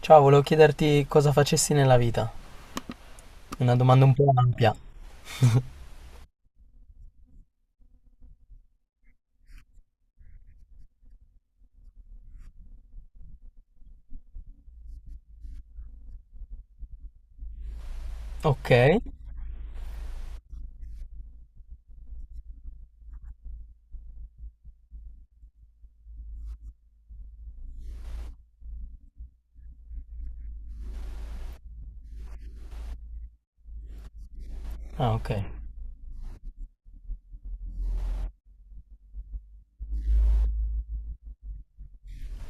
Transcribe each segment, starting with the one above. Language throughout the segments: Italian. Ciao, volevo chiederti cosa facessi nella vita. Una domanda un po' ampia. Ok. Ah, ok.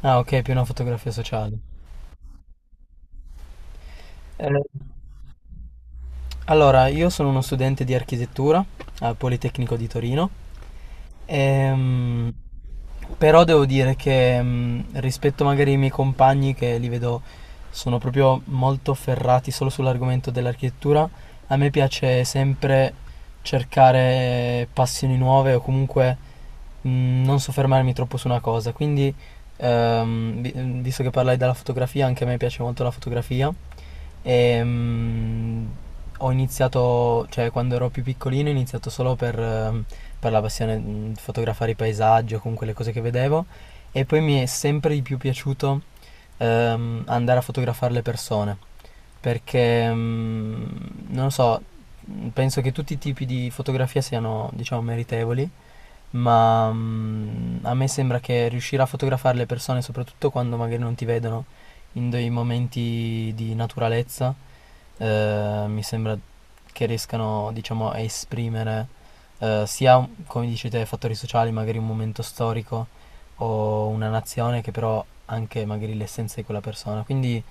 Ah, ok, più una fotografia sociale. Eh, allora, io sono uno studente di architettura al Politecnico di Torino. Ehm, Però devo dire che rispetto magari ai miei compagni che li vedo sono proprio molto ferrati solo sull'argomento dell'architettura, a me piace sempre cercare passioni nuove o comunque non soffermarmi troppo su una cosa, quindi visto che parlai della fotografia, anche a me piace molto la fotografia e ho iniziato, cioè quando ero più piccolino, ho iniziato solo per la passione di fotografare i paesaggi o comunque le cose che vedevo e poi mi è sempre di più piaciuto andare a fotografare le persone perché non lo so, penso che tutti i tipi di fotografia siano, diciamo, meritevoli ma a me sembra che riuscire a fotografare le persone, soprattutto quando magari non ti vedono, in dei momenti di naturalezza, mi sembra che riescano, diciamo, a esprimere sia, come dici te, fattori sociali, magari un momento storico o una nazione, che però anche magari l'essenza di quella persona. Quindi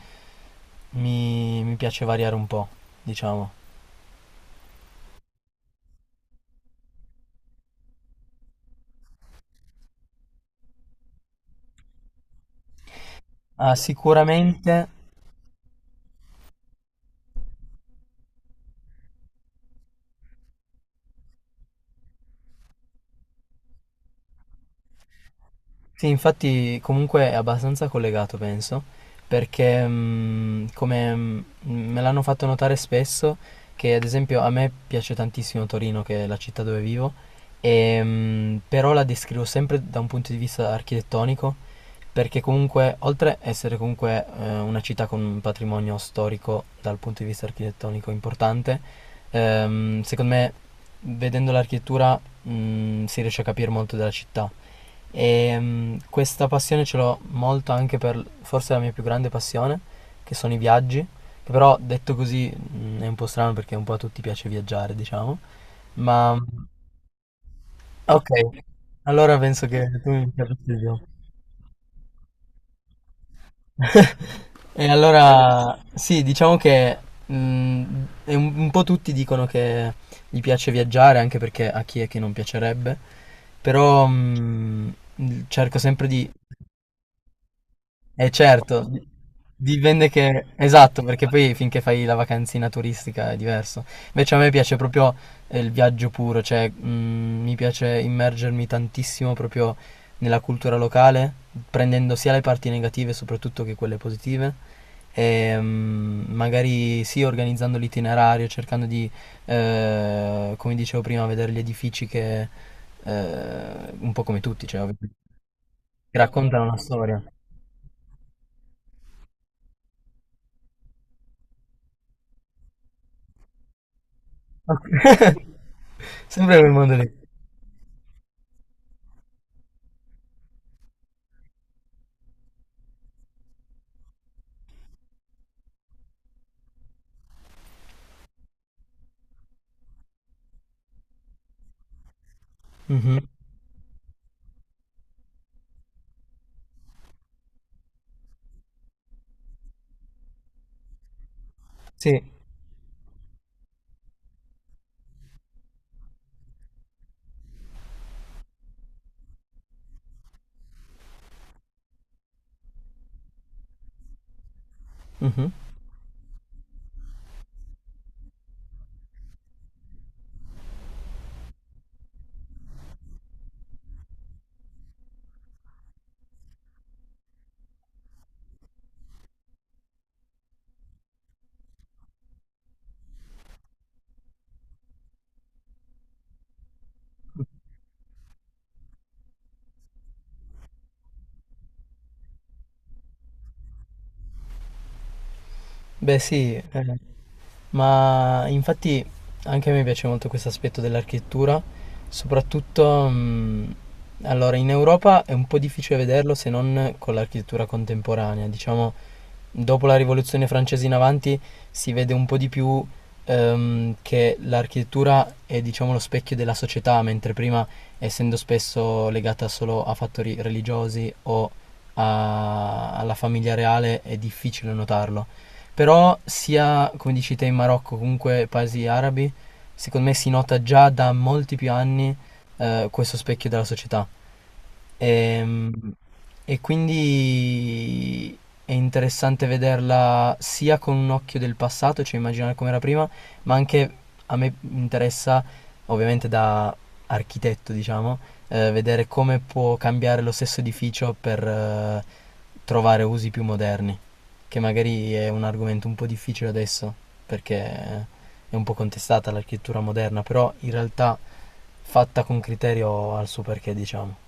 mi piace variare un po', diciamo. Ah, sicuramente. Sì, infatti comunque è abbastanza collegato, penso, perché come me l'hanno fatto notare spesso, che ad esempio a me piace tantissimo Torino, che è la città dove vivo, e, però la descrivo sempre da un punto di vista architettonico, perché comunque, oltre a essere comunque una città con un patrimonio storico dal punto di vista architettonico importante, secondo me vedendo l'architettura si riesce a capire molto della città. E questa passione ce l'ho molto anche per forse la mia più grande passione, che sono i viaggi. Che però detto così è un po' strano perché un po' a tutti piace viaggiare, diciamo. Ma ok, allora penso che tu mi capisci di più. E allora sì, diciamo che mh, è un po' tutti dicono che gli piace viaggiare, anche perché a chi è che non piacerebbe. Però cerco sempre di. E certo, dipende che. Esatto, perché poi finché fai la vacanzina turistica è diverso. Invece a me piace proprio il viaggio puro, cioè mi piace immergermi tantissimo proprio nella cultura locale, prendendo sia le parti negative soprattutto che quelle positive. E, magari sì, organizzando l'itinerario, cercando di, come dicevo prima, vedere gli edifici che, un po' come tutti, cioè, che raccontano una storia. Ok. Sempre quel mondo lì. Mhm. Sì. Mhm. Beh, sì, eh. Ma infatti anche a me piace molto questo aspetto dell'architettura, soprattutto allora in Europa è un po' difficile vederlo se non con l'architettura contemporanea, diciamo dopo la rivoluzione francese in avanti si vede un po' di più che l'architettura è diciamo lo specchio della società, mentre prima essendo spesso legata solo a fattori religiosi o alla famiglia reale è difficile notarlo. Però sia, come dici te, in Marocco, comunque paesi arabi, secondo me si nota già da molti più anni questo specchio della società. Ehm, E, quindi è interessante vederla sia con un occhio del passato, cioè immaginare com'era prima, ma anche a me interessa, ovviamente da architetto, diciamo, vedere come può cambiare lo stesso edificio per trovare usi più moderni, che magari è un argomento un po' difficile adesso, perché è un po' contestata l'architettura moderna, però in realtà fatta con criterio ha il suo perché, diciamo.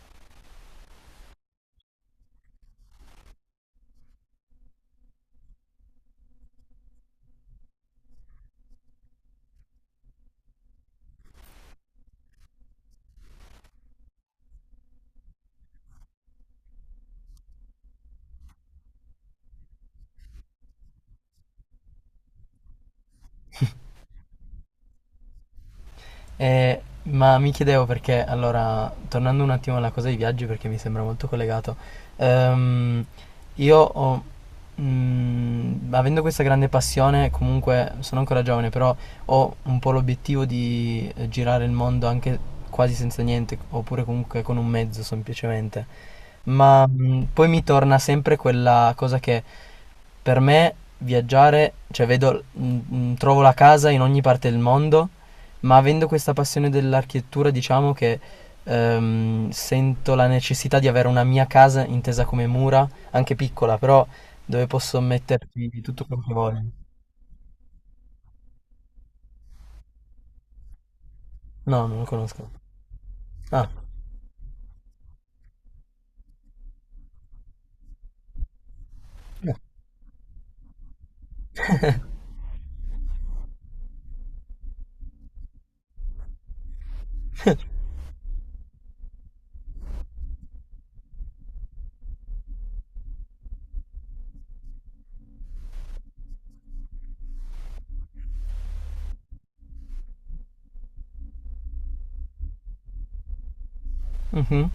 Ma mi chiedevo perché, allora, tornando un attimo alla cosa dei viaggi, perché mi sembra molto collegato, ehm, io ho, avendo questa grande passione, comunque sono ancora giovane, però ho un po' l'obiettivo di girare il mondo anche quasi senza niente, oppure comunque con un mezzo semplicemente. Ma poi mi torna sempre quella cosa che per me viaggiare, cioè vedo, trovo la casa in ogni parte del mondo ma avendo questa passione dell'architettura, diciamo che sento la necessità di avere una mia casa intesa come mura, anche piccola, però dove posso metterci tutto quello che voglio. No, non lo conosco. Ah. Eh. Mhm.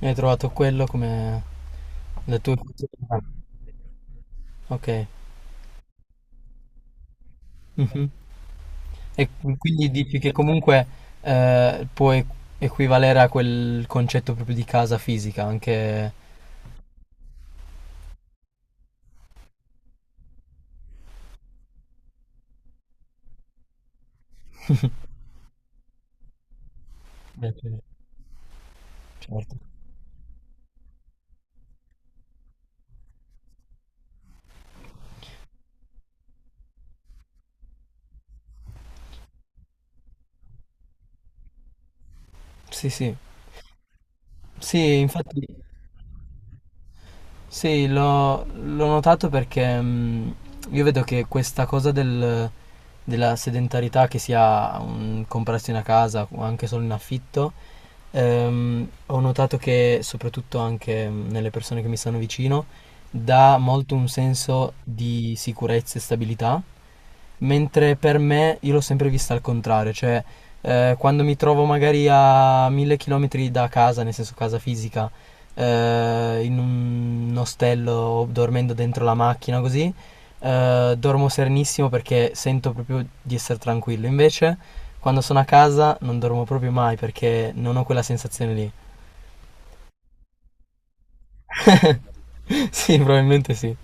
Hai trovato quello come le tue funzionalità. Ok. Mhm. E quindi dici che comunque può equivalere a quel concetto proprio di casa fisica, anche. Beh, sì. Certo. Sì, sì. Sì, infatti, sì, l'ho notato perché io vedo che questa cosa della sedentarietà, che sia un, comprarsi una casa o anche solo in affitto, ho notato che soprattutto anche nelle persone che mi stanno vicino, dà molto un senso di sicurezza e stabilità. Mentre per me io l'ho sempre vista al contrario, cioè quando mi trovo magari a 1.000 chilometri da casa, nel senso casa fisica, in un ostello o dormendo dentro la macchina così, dormo serenissimo perché sento proprio di essere tranquillo. Invece quando sono a casa non dormo proprio mai perché non ho quella sensazione lì. Sì, probabilmente sì.